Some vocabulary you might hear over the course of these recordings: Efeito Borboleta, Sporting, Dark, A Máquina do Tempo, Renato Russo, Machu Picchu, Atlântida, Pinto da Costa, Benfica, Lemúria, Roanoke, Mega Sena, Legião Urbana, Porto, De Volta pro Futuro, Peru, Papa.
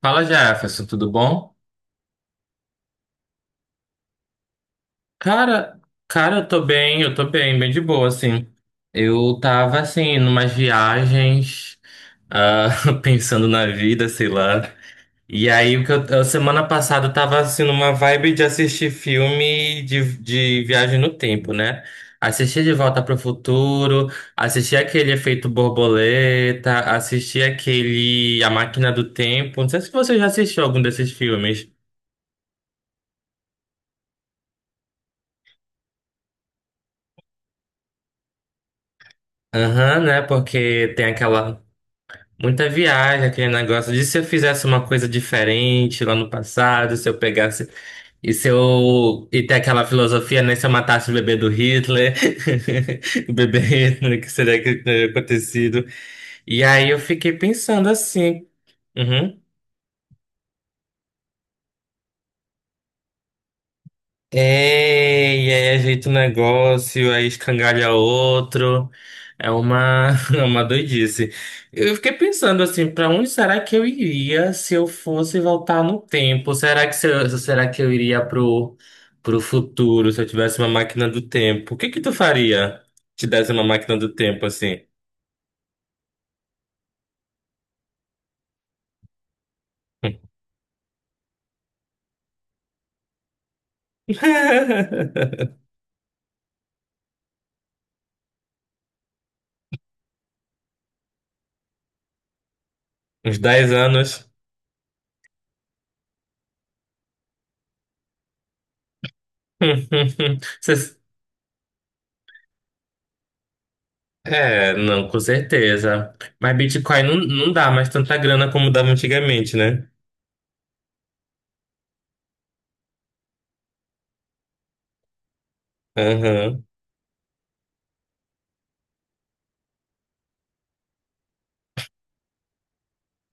Fala, Jefferson, tudo bom? Cara, cara, eu tô bem, bem de boa, assim. Eu tava, assim, numas viagens, ah, pensando na vida, sei lá. E aí, a semana passada eu tava, assim, numa vibe de assistir filme de viagem no tempo, né? Assisti De Volta pro Futuro, assisti aquele Efeito Borboleta, assisti aquele A Máquina do Tempo. Não sei se você já assistiu algum desses filmes. Aham, né? Porque tem aquela muita viagem, aquele negócio de se eu fizesse uma coisa diferente lá no passado, se eu pegasse e se eu e tem aquela filosofia, né? Se eu matasse o bebê do Hitler, o bebê Hitler, o que seria que teria acontecido? E aí eu fiquei pensando assim. Uhum. É, e aí ajeita um negócio, aí escangalha outro. É uma, é uma doidice. Eu fiquei pensando assim, pra onde será que eu iria se eu fosse voltar no tempo? Será que se eu- Será que eu iria pro futuro se eu tivesse uma máquina do tempo? O que que tu faria se te desse uma máquina do tempo assim? Uns 10 anos. Você. É, não, com certeza. Mas Bitcoin não, não dá mais tanta grana como dava antigamente, né? Aham,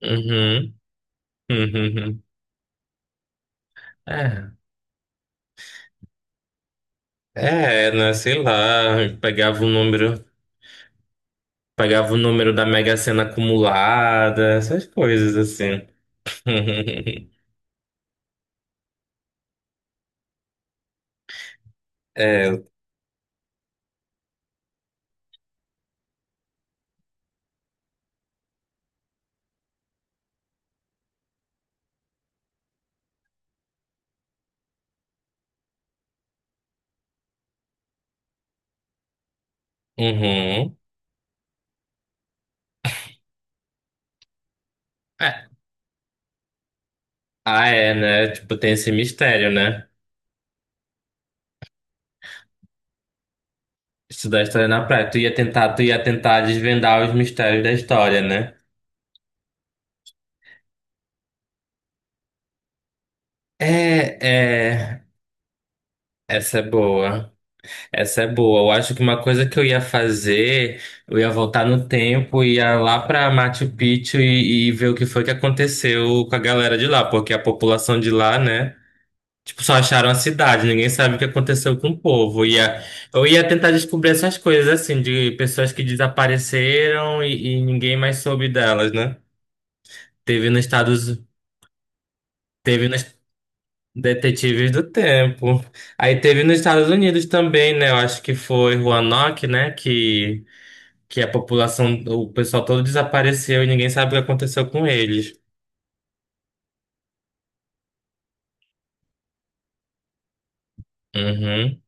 uhum, uhum, uhum. É, é, né, sei lá, pegava o número, pegava o número da Mega Sena acumulada, essas coisas assim. É, uhum. É. Ah, é, né? Tipo, tem esse mistério, né? Estudar a história na praia. Tu ia tentar desvendar os mistérios da história, né? É, é, essa é boa. Essa é boa. Eu acho que uma coisa que eu ia fazer, eu ia voltar no tempo, ia lá pra Machu Picchu e ver o que foi que aconteceu com a galera de lá, porque a população de lá, né? Tipo, só acharam a cidade, ninguém sabe o que aconteceu com o povo. Eu ia tentar descobrir essas coisas, assim, de pessoas que desapareceram e ninguém mais soube delas, né? Teve nos Estados, Teve nos Detetives do Tempo. Aí teve nos Estados Unidos também, né? Eu acho que foi Roanoke, né? Que a população, o pessoal todo desapareceu e ninguém sabe o que aconteceu com eles. Uhum.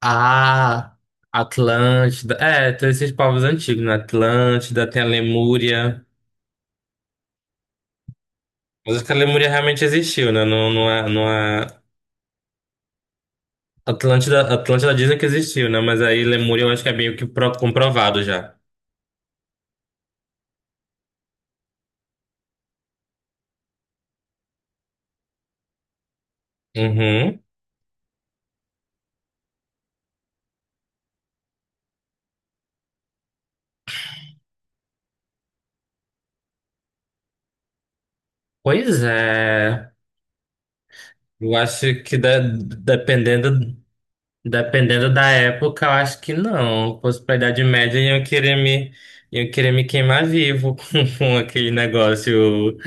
Ah, Atlântida. É, tem esses povos antigos, né? Atlântida, tem a Lemúria. Mas acho que a Lemúria realmente existiu, né? Não, não é. Atlântida, Atlântida dizem que existiu, né? Mas aí Lemúria eu acho que é meio que comprovado já. Uhum. Pois é. Eu acho que dependendo. Dependendo da época, eu acho que não. Fosse pra Idade Média, iam querer me queimar vivo com aquele negócio,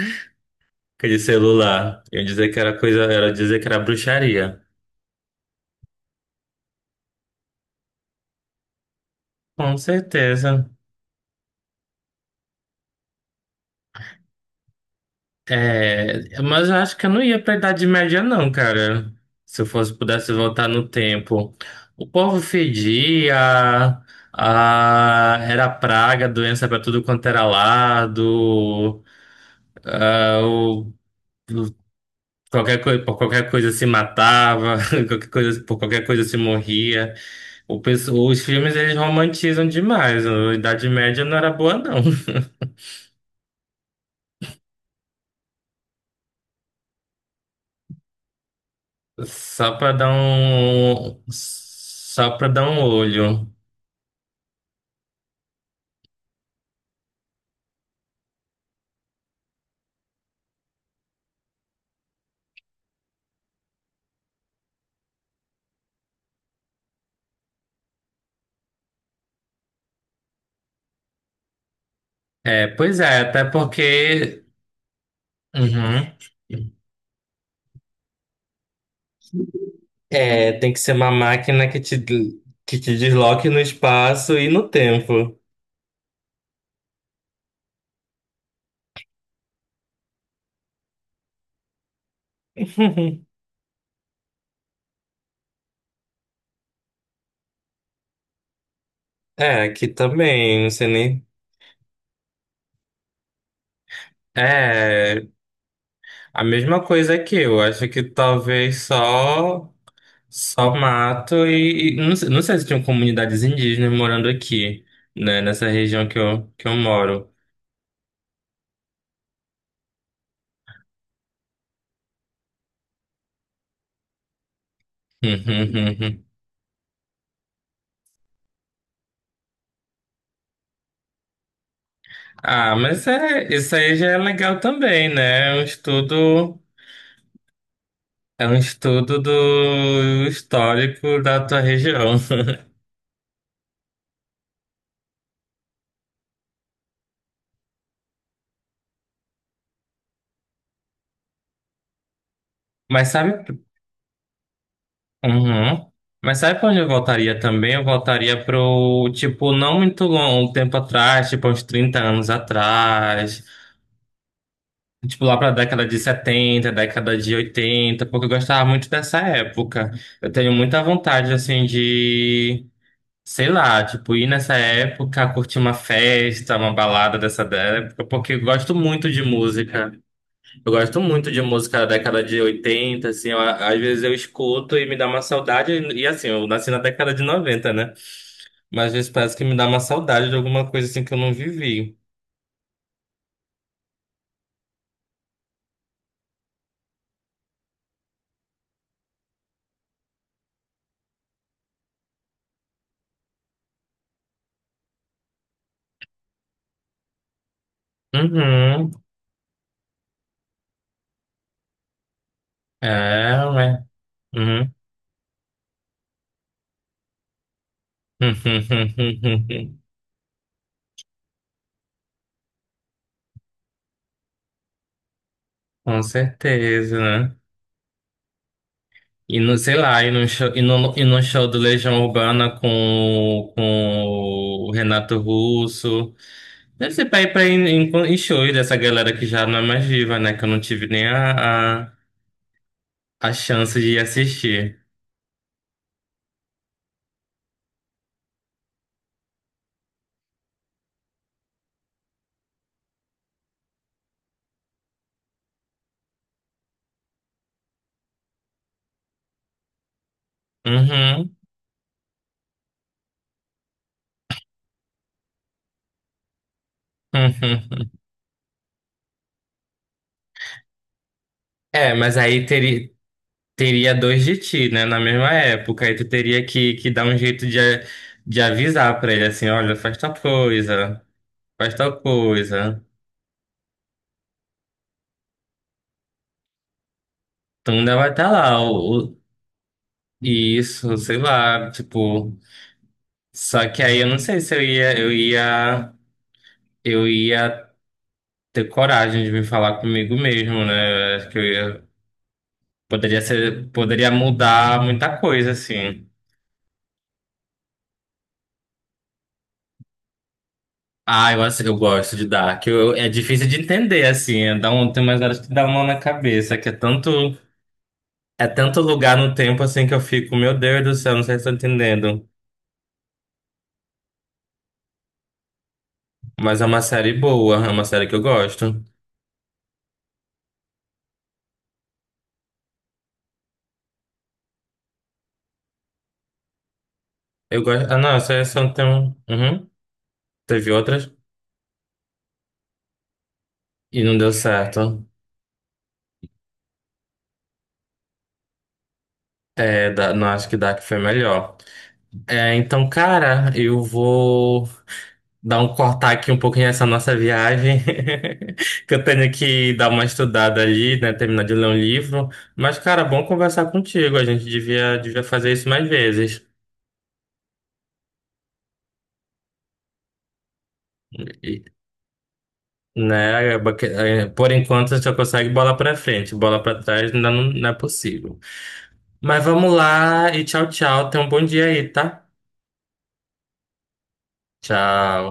aquele celular. Iam dizer que era coisa, era dizer que era bruxaria. Com certeza. É, mas eu acho que eu não ia pra Idade Média, não, cara. Se eu fosse, pudesse voltar no tempo. O povo fedia, era praga, doença pra tudo quanto era lado. Ah, qualquer coisa, por qualquer coisa se matava, qualquer coisa, por qualquer coisa se morria. O pessoal, os filmes eles romantizam demais. A Idade Média não era boa, não. Só para dar um olho. É, pois é, até porque. Uhum. É, tem que ser uma máquina que te desloque no espaço e no tempo. É, aqui também, não sei nem. É. A mesma coisa que eu, acho que talvez só mato e não sei se tinham comunidades indígenas morando aqui, né, nessa região que eu moro. Ah, mas é, isso aí já é legal também, né? é um estudo, do histórico da tua região. Mas sabe. Uhum. Mas sabe pra onde eu voltaria também? Eu voltaria pro, tipo, não muito longo, um tempo atrás, tipo, uns 30 anos atrás. Tipo, lá pra década de 70, década de 80, porque eu gostava muito dessa época. Eu tenho muita vontade, assim, de, sei lá, tipo, ir nessa época, curtir uma festa, uma balada dessa época, porque eu gosto muito de música. Eu gosto muito de música da década de 80, assim, às vezes eu escuto e me dá uma saudade, e assim, eu nasci na década de 90, né? Mas às vezes parece que me dá uma saudade de alguma coisa, assim, que eu não vivi. Uhum, é, né? Com certeza, né? E no, sei lá, e no show, e no show do Legião Urbana com o Renato Russo. Deve ser pra ir em shows dessa galera que já não é mais viva, né? Que eu não tive nem a chance de ir assistir. Uhum, uhum. É, mas aí teria dois de ti, né? Na mesma época. Aí tu teria que dar um jeito de, de avisar pra ele assim, olha, faz tal coisa, faz tal coisa. Tu vai estar lá, isso, sei lá, tipo. Só que aí eu não sei se eu ia ter coragem de vir falar comigo mesmo, né? Eu acho que poderia mudar muita coisa, assim. Ah, eu gosto de Dark. É difícil de entender, assim. É, tem umas horas que dá uma na cabeça, que é tanto lugar no tempo, assim, que eu fico, meu Deus do céu, não sei se eu tô entendendo. Mas é uma série boa, é uma série que eu gosto. Eu gosto. Ah, não, essa é só tem um. Uhum. Teve outras e não deu certo. É, não acho que Dark foi melhor. É, então, cara, eu vou dar um cortar aqui um pouquinho nessa nossa viagem. Que eu tenho que dar uma estudada ali, né? Terminar de ler um livro. Mas, cara, bom conversar contigo. A gente devia fazer isso mais vezes. E, né? Por enquanto, a gente só consegue bola pra frente. Bola pra trás ainda não, não é possível. Mas vamos lá e tchau, tchau. Tenha um bom dia aí, tá? Tchau.